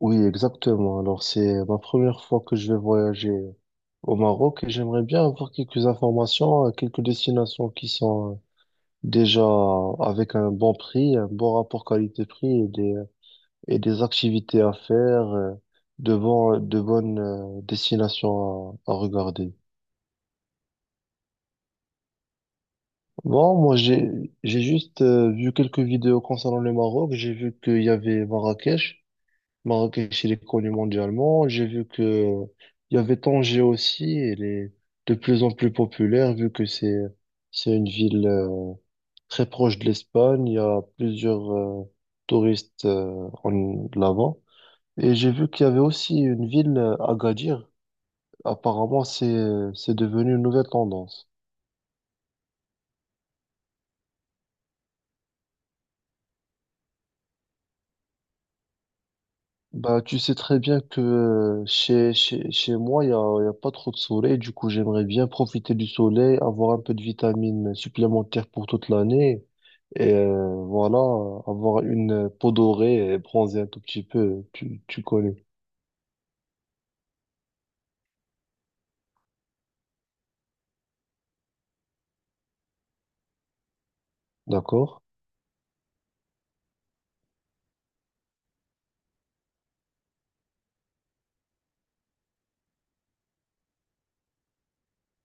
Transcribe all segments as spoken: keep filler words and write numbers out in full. Oui, exactement. Alors, c'est ma première fois que je vais voyager au Maroc et j'aimerais bien avoir quelques informations, euh, quelques destinations qui sont euh, déjà avec un bon prix, un bon rapport qualité-prix et des, et des activités à faire, euh, de bon, de bonnes euh, destinations à, à regarder. Bon, moi, j'ai, j'ai juste euh, vu quelques vidéos concernant le Maroc. J'ai vu qu'il y avait Marrakech. Marrakech, il est connu mondialement. J'ai vu que euh, il y avait Tanger aussi. Elle est de plus en plus populaire vu que c'est c'est une ville euh, très proche de l'Espagne. Il y a plusieurs euh, touristes euh, en là-bas. Et j'ai vu qu'il y avait aussi une ville, euh, Agadir. Apparemment, c'est c'est devenu une nouvelle tendance. Bah, tu sais très bien que euh, chez, chez, chez moi, il n'y a, il y a pas trop de soleil. Du coup, j'aimerais bien profiter du soleil, avoir un peu de vitamines supplémentaires pour toute l'année. Et euh, voilà, avoir une peau dorée et bronzer un tout petit peu. Tu, tu connais, d'accord?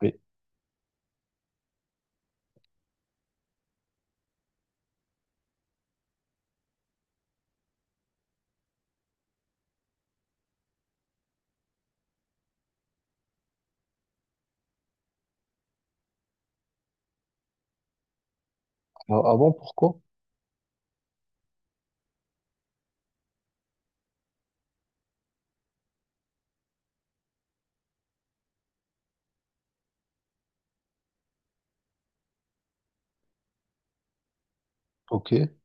Oui. Ah bon, pourquoi? Ok.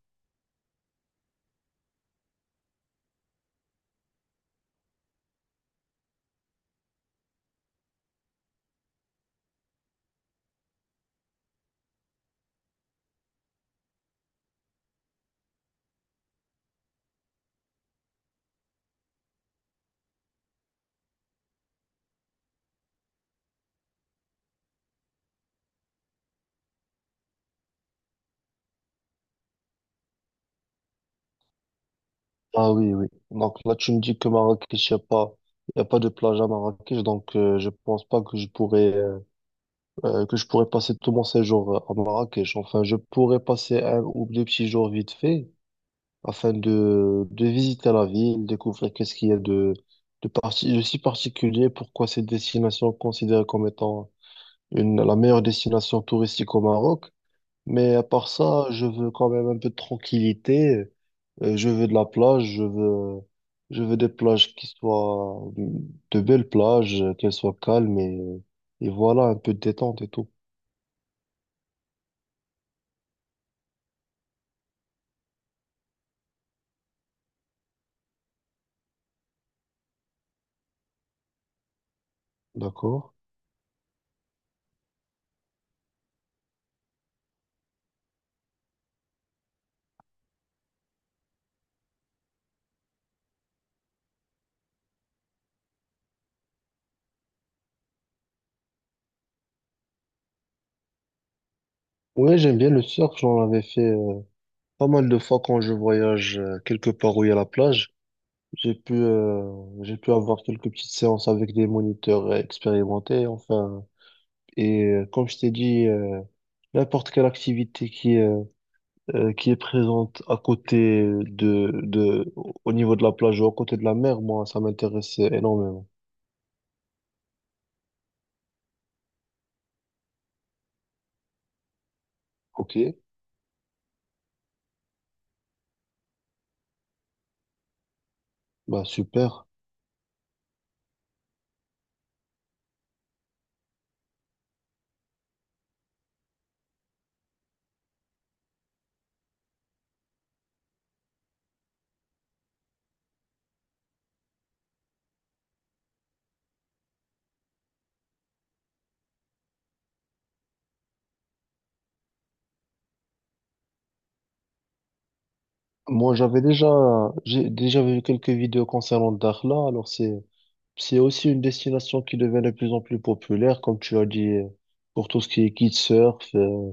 Ah oui, oui. Donc là, tu me dis que Marrakech, il n'y a pas, il y a pas de plage à Marrakech. Donc, euh, je pense pas que je pourrais. euh, euh, que je pourrais passer tout mon séjour à Marrakech. Enfin, je pourrais passer un ou deux petits jours vite fait afin de, de visiter la ville, découvrir qu'est-ce qu'il y a de, de, parti, de si particulier, pourquoi cette destination est considérée comme étant une, la meilleure destination touristique au Maroc. Mais à part ça, je veux quand même un peu de tranquillité. Euh, je veux de la plage, je veux, je veux des plages qui soient de belles plages, euh, qu'elles soient calmes et, et voilà, un peu de détente et tout. D'accord? Ouais, j'aime bien le surf. J'en avais fait euh, pas mal de fois quand je voyage euh, quelque part où il y a la plage. J'ai pu, euh, j'ai pu avoir quelques petites séances avec des moniteurs euh, expérimentés, enfin. Et euh, comme je t'ai dit, euh, n'importe quelle activité qui est, euh, qui est présente à côté de, de, au niveau de la plage ou à côté de la mer, moi, ça m'intéresse énormément. Ok, bah super. Moi, j'avais déjà, j'ai déjà vu quelques vidéos concernant Dakhla, alors c'est C'est aussi une destination qui devient de plus en plus populaire, comme tu as dit, euh, pour tout ce qui est kitesurf, euh,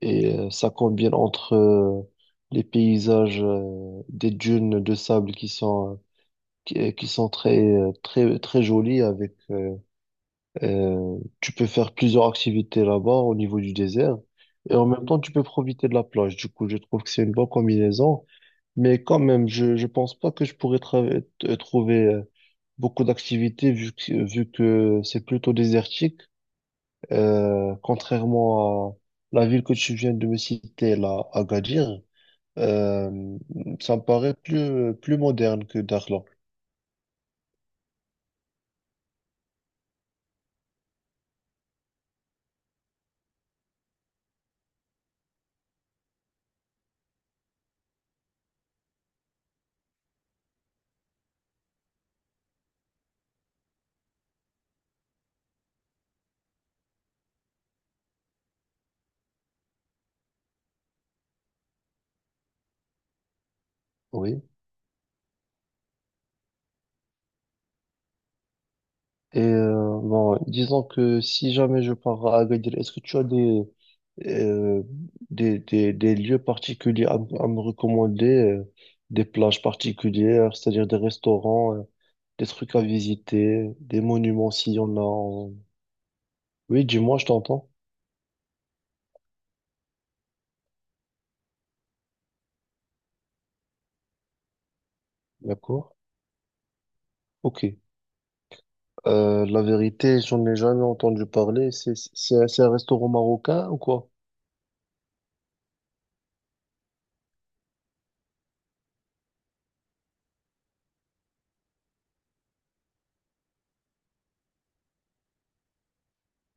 et euh, ça combine entre euh, les paysages euh, des dunes de sable qui sont euh, qui, euh, qui sont très euh, très très jolies avec euh, euh, tu peux faire plusieurs activités là-bas au niveau du désert et en même temps tu peux profiter de la plage. Du coup, je trouve que c'est une bonne combinaison. Mais quand même, je je pense pas que je pourrais trava- t- trouver euh, beaucoup d'activités vu que, vu que c'est plutôt désertique. Euh, contrairement à la ville que tu viens de me citer, là, Agadir, euh, ça me paraît plus, plus moderne que Dakhla. Oui. Et euh, bon, disons que si jamais je pars à Agadir, est-ce que tu as des, euh, des, des, des lieux particuliers à, m- à me recommander, euh, des plages particulières, c'est-à-dire des restaurants, euh, des trucs à visiter, des monuments s'il y en a. en- Oui, dis-moi, je t'entends. D'accord. Ok. Euh, la vérité, j'en ai jamais entendu parler. C'est, c'est, c'est un restaurant marocain ou quoi?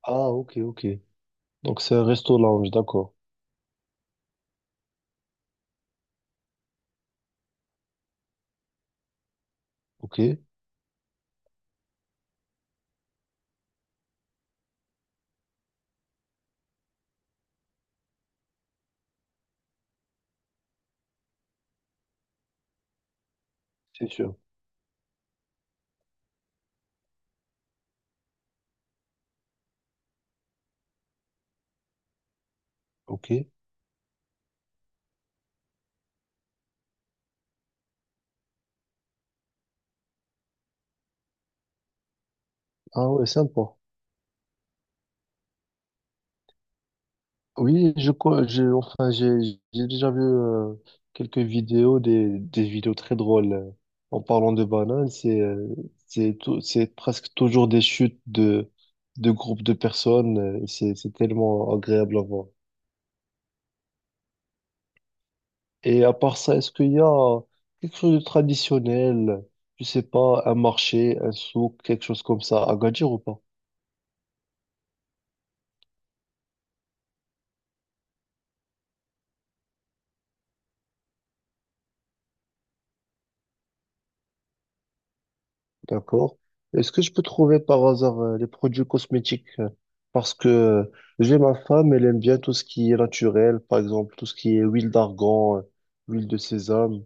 Ah, ok, ok. Donc c'est un resto lounge, d'accord. Ok, c'est sûr. Ok. Ah ouais, sympa. Oui, je co, j'ai, enfin, j'ai, j'ai déjà vu euh, quelques vidéos, des, des vidéos très drôles. euh, En parlant de bananes, c'est, euh, c'est tou- c'est presque toujours des chutes de, de groupes de personnes. euh, et C'est, c'est tellement agréable à voir. Et à part ça, est-ce qu'il y a quelque chose de traditionnel? Je sais pas, un marché, un souk, quelque chose comme ça, à Agadir ou pas? D'accord. Est-ce que je peux trouver par hasard euh, les produits cosmétiques? euh, Parce que euh, j'ai ma femme, elle aime bien tout ce qui est naturel, par exemple, tout ce qui est huile d'argan, euh, huile de sésame.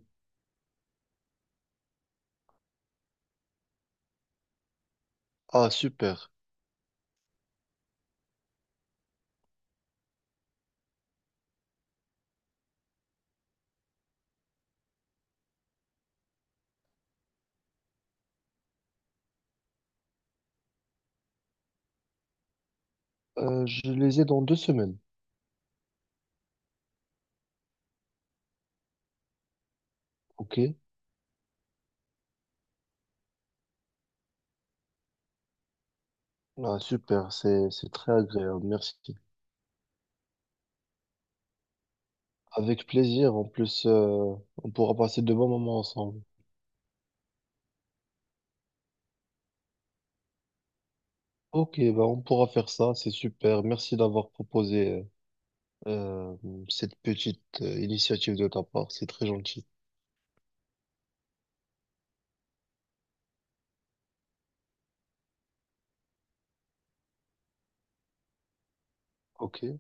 Ah, super. Euh, je les ai dans deux semaines. OK. Ah, super. C'est, c'est très agréable. Merci. Avec plaisir. En plus, euh, on pourra passer de bons moments ensemble. Ok, bah on pourra faire ça, c'est super. Merci d'avoir proposé euh, euh, cette petite euh, initiative de ta part, c'est très gentil. Ok.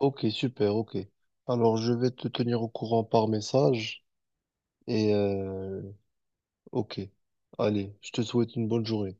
Ok, super, ok. Alors, je vais te tenir au courant par message et euh, ok. Allez, je te souhaite une bonne journée.